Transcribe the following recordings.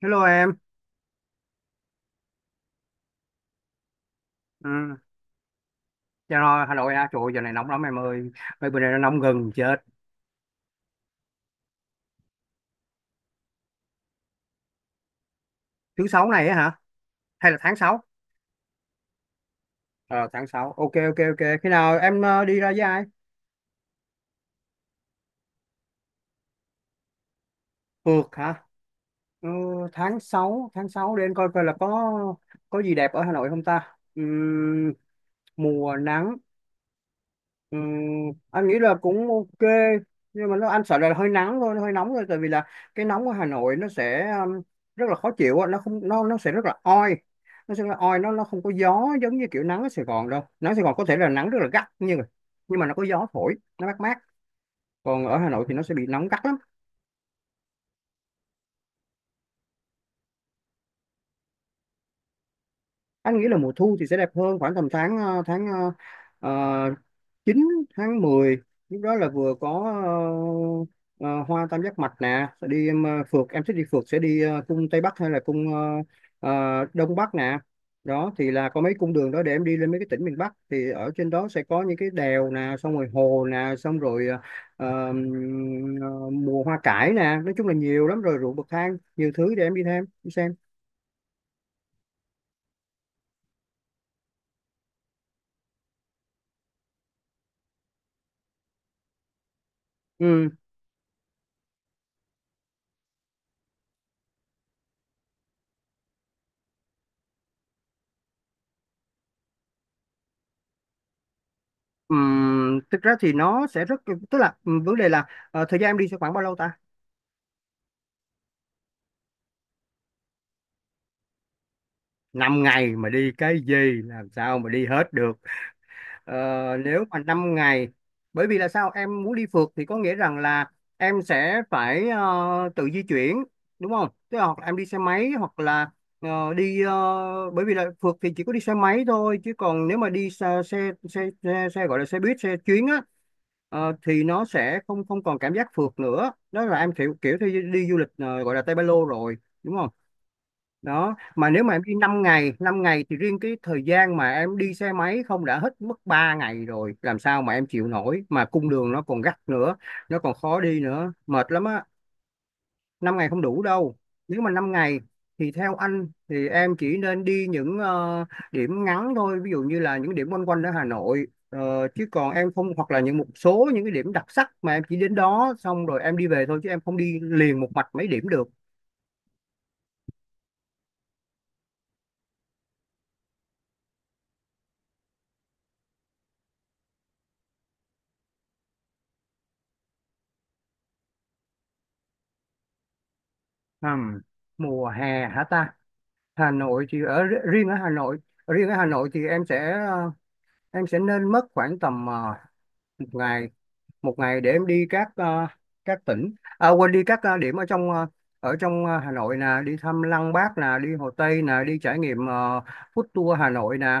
Hello em, ừ. Dạ rồi, Hà Nội à, trời ơi, giờ này nóng lắm em ơi, mấy bữa nay nó nóng gần chết. Thứ sáu này á hả? Hay là tháng sáu. Ờ, Tháng sáu, ok ok ok, khi nào em đi ra với ai? Phượt hả? Ừ, Tháng sáu, tháng sáu, để em coi coi là có gì đẹp ở Hà Nội không ta? Mùa nắng. Anh nghĩ là cũng ok, nhưng mà anh sợ là hơi nắng thôi, nó hơi nóng thôi, tại vì là cái nóng của Hà Nội nó sẽ rất là khó chịu á, nó không nó nó sẽ rất là oi, nó sẽ là oi, nó không có gió, giống như kiểu nắng ở Sài Gòn đâu. Nắng Sài Gòn có thể là nắng rất là gắt, nhưng mà nó có gió thổi, nó mát mát. Còn ở Hà Nội thì nó sẽ bị nóng gắt lắm. Anh nghĩ là mùa thu thì sẽ đẹp hơn, khoảng tầm tháng tháng ờ, 9, tháng mười, lúc đó là vừa có ờ, hoa tam giác mạch nè, sẽ đi em, phượt, em thích đi phượt sẽ đi cung Tây Bắc hay là cung Đông Bắc nè. Đó thì là có mấy cung đường đó để em đi lên mấy cái tỉnh miền Bắc, thì ở trên đó sẽ có những cái đèo nè, xong rồi hồ nè, xong rồi ờ, mùa hoa cải nè, nói chung là nhiều lắm, rồi ruộng bậc thang, nhiều thứ để em đi thêm đi xem. ừ Thực ra thì nó sẽ rất, tức là vấn đề là thời gian em đi sẽ khoảng bao lâu ta? Năm ngày mà đi cái gì, làm sao mà đi hết được. Ờ, Nếu mà 5 ngày, bởi vì là sao em muốn đi phượt thì có nghĩa rằng là em sẽ phải tự di chuyển, đúng không? Tức là hoặc là em đi xe máy, hoặc là đi, bởi vì là phượt thì chỉ có đi xe máy thôi, chứ còn nếu mà đi xe gọi là xe buýt, xe chuyến á, thì nó sẽ không không còn cảm giác phượt nữa. Đó là em kiểu kiểu theo đi du lịch, gọi là tay Ba Lô rồi, đúng không? Đó. Mà nếu mà em đi 5 ngày, 5 ngày thì riêng cái thời gian mà em đi xe máy không đã hết mất 3 ngày rồi, làm sao mà em chịu nổi, mà cung đường nó còn gắt nữa, nó còn khó đi nữa, mệt lắm á. Năm ngày không đủ đâu. Nếu mà 5 ngày thì theo anh thì em chỉ nên đi những điểm ngắn thôi, ví dụ như là những điểm quanh quanh ở Hà Nội. Chứ còn em không, hoặc là những một số những cái điểm đặc sắc mà em chỉ đến đó xong rồi em đi về thôi, chứ em không đi liền một mạch mấy điểm được. Ừm, Mùa hè hả ta? Hà Nội thì ở, riêng ở Hà Nội riêng ở Hà Nội thì em sẽ, em sẽ nên mất khoảng tầm một ngày một ngày để em đi các tỉnh à, quên, đi các điểm ở trong Hà Nội nè, đi thăm Lăng Bác nè, đi Hồ Tây nè, đi trải nghiệm food tour Hà Nội nè.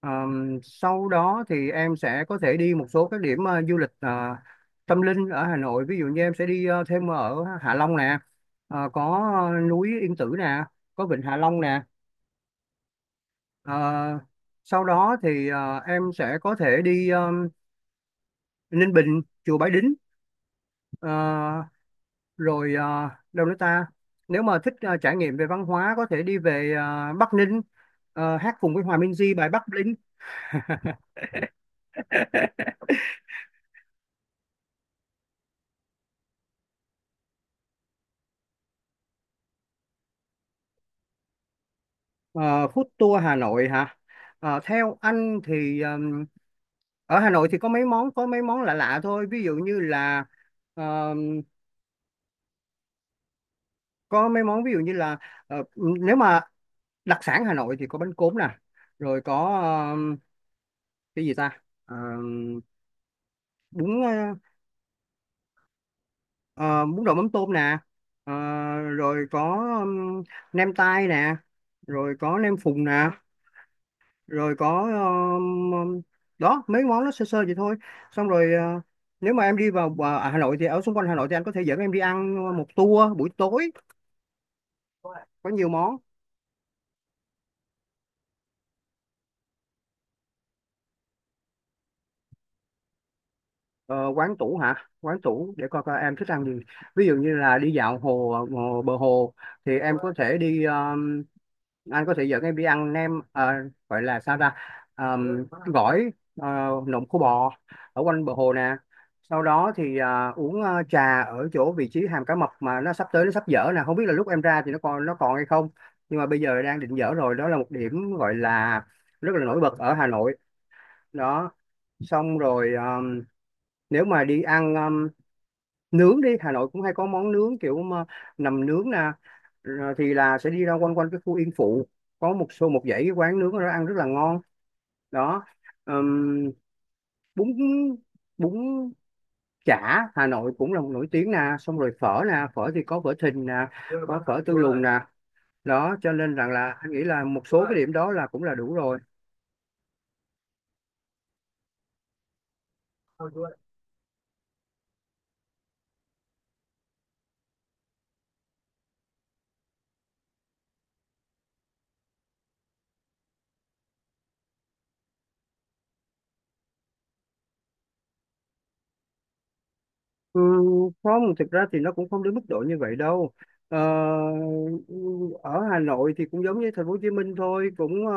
Sau đó thì em sẽ có thể đi một số các điểm du lịch tâm linh ở Hà Nội, ví dụ như em sẽ đi thêm ở Hạ Long nè, có núi Yên Tử nè, có vịnh Hạ Long nè. Ờ, Sau đó thì em sẽ có thể đi Ninh Bình, chùa Bái Đính, ờ, rồi đâu nữa ta. Nếu mà thích trải nghiệm về văn hóa, có thể đi về Bắc Ninh, hát cùng với Hòa Minzy bài Bắc Ninh. Ờ, Food tour Hà Nội hả? Theo anh thì ở Hà Nội thì có mấy món, có mấy món lạ lạ thôi. Ví dụ như là ờm, có mấy món, ví dụ như là nếu mà đặc sản Hà Nội thì có bánh cốm nè, rồi có cái gì ta? Ờ, bún ờ, ờ, Bún đậu mắm tôm nè. Ờ, Rồi có um, nem tai nè, rồi có nem phùng nè, rồi có um, um, đó, mấy món nó sơ sơ vậy thôi. Xong rồi, nếu mà em đi vào Hà Nội thì ở xung quanh Hà Nội thì anh có thể dẫn em đi ăn một tour buổi tối, có nhiều món. Ờ, Quán tủ hả? Quán tủ để coi coi em thích ăn gì. Ví dụ như là đi dạo hồ bờ hồ thì em có thể đi, anh có thể dẫn em đi ăn nem, gọi là sao ta? Gỏi, ờ, nộm khô bò ở quanh bờ hồ nè. Sau đó thì uống trà ở chỗ vị trí Hàm Cá Mập, mà nó sắp tới nó sắp dở nè, không biết là lúc em ra thì nó còn, nó còn hay không. Nhưng mà bây giờ đang định dở rồi, đó là một điểm gọi là rất là nổi bật ở Hà Nội. Đó. Xong rồi, nếu mà đi ăn nướng, đi Hà Nội cũng hay có món nướng kiểu mà nằm nướng nè, rồi thì là sẽ đi ra quanh quanh cái khu Yên Phụ, có một số, một dãy cái quán nướng ở đó ăn rất là ngon đó. Ừm, bún bún chả Hà Nội cũng là một nổi tiếng nè, xong rồi phở nè, phở thì có phở Thìn nè, có phở Tư Lùn nè, đó cho nên rằng là anh nghĩ là một số cái điểm đó là cũng là đủ rồi. Ừ, Không, thực ra thì nó cũng không đến mức độ như vậy đâu, ờ, ở Hà Nội thì cũng giống như thành phố Hồ Chí Minh thôi, cũng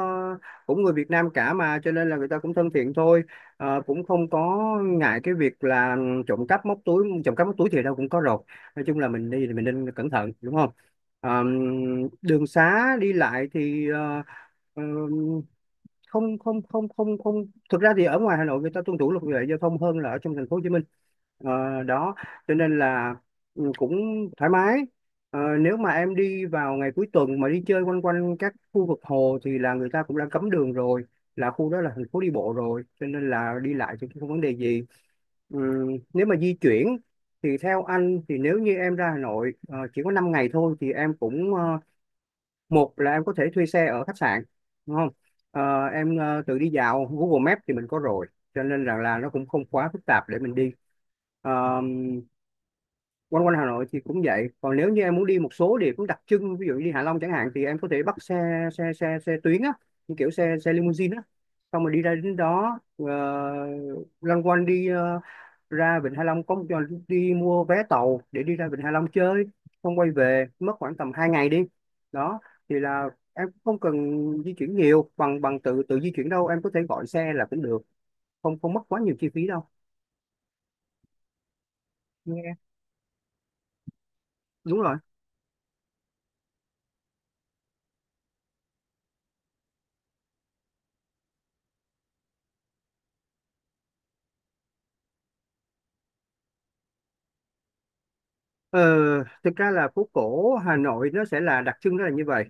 cũng người Việt Nam cả mà cho nên là người ta cũng thân thiện thôi. Cũng không có ngại cái việc là trộm cắp móc túi, trộm cắp móc túi thì đâu cũng có rồi, nói chung là mình đi thì mình nên cẩn thận, đúng không? Ờ, Đường xá đi lại thì, ờ, không, không, không, không, không, thực ra thì ở ngoài Hà Nội người ta tuân thủ luật lệ giao thông hơn là ở trong thành phố Hồ Chí Minh. Đó, cho nên là cũng thoải mái. Nếu mà em đi vào ngày cuối tuần mà đi chơi quanh quanh các khu vực hồ thì là người ta cũng đã cấm đường rồi, là khu đó là thành phố đi bộ rồi, cho nên là đi lại thì cũng không vấn đề gì. Ừ, Nếu mà di chuyển thì theo anh thì nếu như em ra Hà Nội chỉ có 5 ngày thôi thì em cũng, một là em có thể thuê xe ở khách sạn, đúng không? Em tự đi dạo, Google Maps thì mình có rồi, cho nên rằng là nó cũng không quá phức tạp để mình đi. Ờ, Quanh quanh Hà Nội thì cũng vậy, còn nếu như em muốn đi một số địa cũng đặc trưng, ví dụ như đi Hạ Long chẳng hạn, thì em có thể bắt xe xe xe xe tuyến á, như kiểu xe xe limousine á, xong rồi đi ra đến đó, loanh quanh, đi ra Vịnh Hạ Long, có một cho đi mua vé tàu để đi ra Vịnh Hạ Long chơi, không quay về mất khoảng tầm 2 ngày đi. Đó thì là em cũng không cần di chuyển nhiều, bằng bằng tự tự di chuyển đâu, em có thể gọi xe là cũng được, không không mất quá nhiều chi phí đâu. Nghe, đúng rồi. ờ, Thực ra là phố cổ Hà Nội nó sẽ là đặc trưng, nó là như vậy.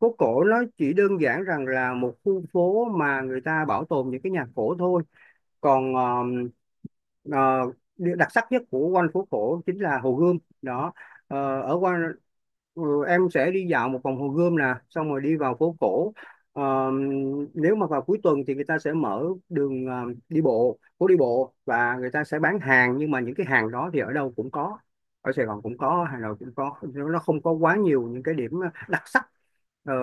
Phố cổ nó chỉ đơn giản rằng là một khu phố mà người ta bảo tồn những cái nhà cổ thôi, còn ờ, điều đặc sắc nhất của quanh phố cổ chính là Hồ Gươm đó. Ờ, ở quanh ừ, em sẽ đi dạo một vòng Hồ Gươm nè, xong rồi đi vào phố cổ. Ờ, Nếu mà vào cuối tuần thì người ta sẽ mở đường đi bộ, phố đi bộ, và người ta sẽ bán hàng, nhưng mà những cái hàng đó thì ở đâu cũng có, ở Sài Gòn cũng có, Hà Nội cũng có, nó không có quá nhiều những cái điểm đặc sắc. Ờ,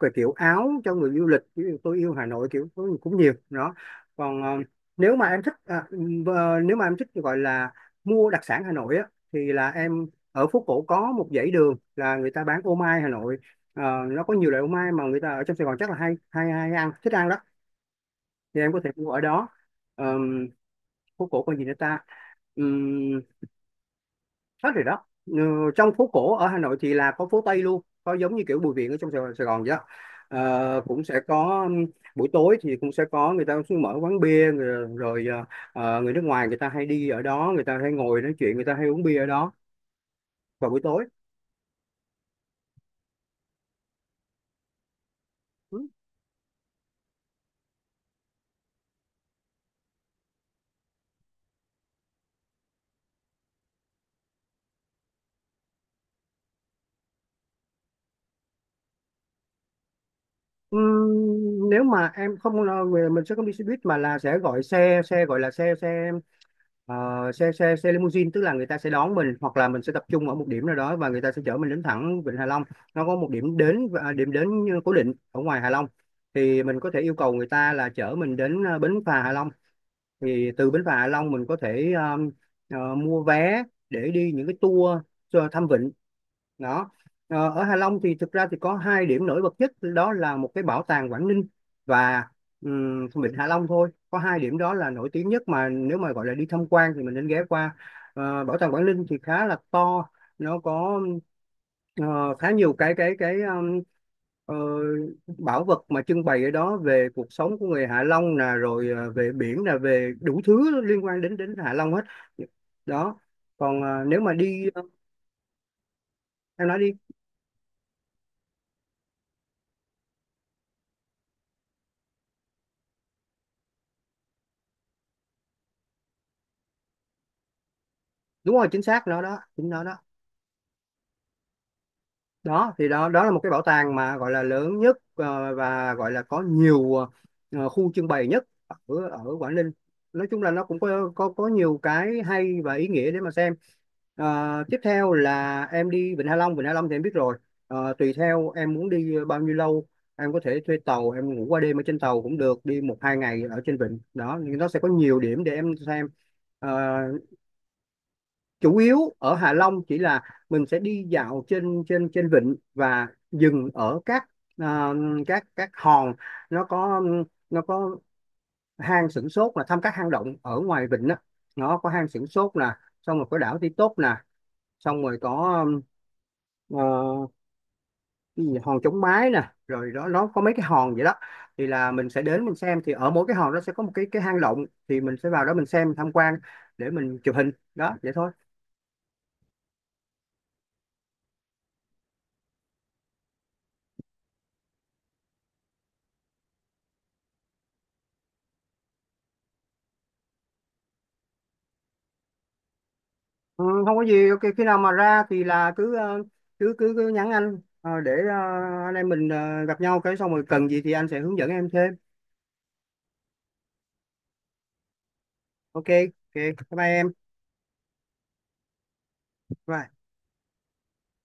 cái kiểu áo cho người du lịch ví dụ Tôi yêu Hà Nội kiểu cũng cũng nhiều đó. Còn nếu mà em thích nếu mà em thích gọi là mua đặc sản Hà Nội á thì là em, ở phố cổ có một dãy đường là người ta bán ô mai Hà Nội. Ờ, nó có nhiều loại ô mai mà người ta ở trong Sài Gòn chắc là hay hay hay ăn, thích ăn đó, thì em có thể mua ở đó. Ờm, Phố cổ còn gì nữa ta? Ừm, Hết rồi đó, ừ, trong phố cổ ở Hà Nội thì là có phố Tây luôn, có giống như kiểu Bùi Viện ở trong Sài Gòn vậy đó. Ờ, cũng sẽ có buổi tối thì cũng sẽ có, người ta cũng sẽ mở quán bia rồi người nước ngoài người ta hay đi ở đó, người ta hay ngồi nói chuyện, người ta hay uống bia ở đó vào buổi tối. Ừ. Nếu mà em không, nói về mình sẽ không đi xe buýt mà là sẽ gọi xe, xe gọi là xe xe Ờ, xe limousine, tức là người ta sẽ đón mình hoặc là mình sẽ tập trung ở một điểm nào đó và người ta sẽ chở mình đến thẳng Vịnh Hạ Long. Nó có một điểm đến, điểm đến cố định ở ngoài Hạ Long, thì mình có thể yêu cầu người ta là chở mình đến, bến phà Hạ Long. Thì từ bến phà Hạ Long mình có thể mua vé để đi những cái tour cho thăm vịnh đó. Ờ, ở Hạ Long thì thực ra thì có hai điểm nổi bật nhất, đó là một cái bảo tàng Quảng Ninh và Vịnh Hạ Long thôi, có hai điểm đó là nổi tiếng nhất mà nếu mà gọi là đi tham quan thì mình nên ghé qua. Ờ, bảo tàng Quảng Ninh thì khá là to, nó có ờ, khá nhiều cái cái ờ, bảo vật mà trưng bày ở đó, về cuộc sống của người Hạ Long nè, rồi ờ, về biển nè, về đủ thứ liên quan đến đến Hạ Long hết đó. Còn ờ, nếu mà đi, em nói đi. Đúng rồi, chính xác, nó đó, chính nó đó. Đó, thì đó đó là một cái bảo tàng mà gọi là lớn nhất, và gọi là có nhiều khu trưng bày nhất ở ở Quảng Ninh. Nói chung là nó cũng có nhiều cái hay và ý nghĩa để mà xem. Ờ, tiếp theo là em đi Vịnh Hạ Long. Vịnh Hạ Long thì em biết rồi. Ờ, tùy theo em muốn đi bao nhiêu lâu, em có thể thuê tàu, em ngủ qua đêm ở trên tàu cũng được, đi một hai ngày ở trên vịnh đó, nhưng nó sẽ có nhiều điểm để em xem. Ờ, chủ yếu ở Hạ Long chỉ là mình sẽ đi dạo trên trên trên vịnh và dừng ở các ờ, các hòn. nó có nó có hang Sửng Sốt là thăm các hang động ở ngoài vịnh đó. Nó có hang Sửng Sốt nè, xong rồi có đảo Ti Tốt nè, xong rồi có ờ, cái gì, hòn Chống Mái nè, rồi đó, nó có mấy cái hòn vậy đó. Thì là mình sẽ đến mình xem, thì ở mỗi cái hòn đó sẽ có một cái hang động, thì mình sẽ vào đó mình xem tham quan, để mình chụp hình đó, vậy thôi. Ừ, không có gì, ok, khi nào mà ra thì là cứ cứ nhắn anh, để anh em mình gặp nhau cái xong rồi cần gì thì anh sẽ hướng dẫn em thêm. Ok. Ok, bye bye em. Bye.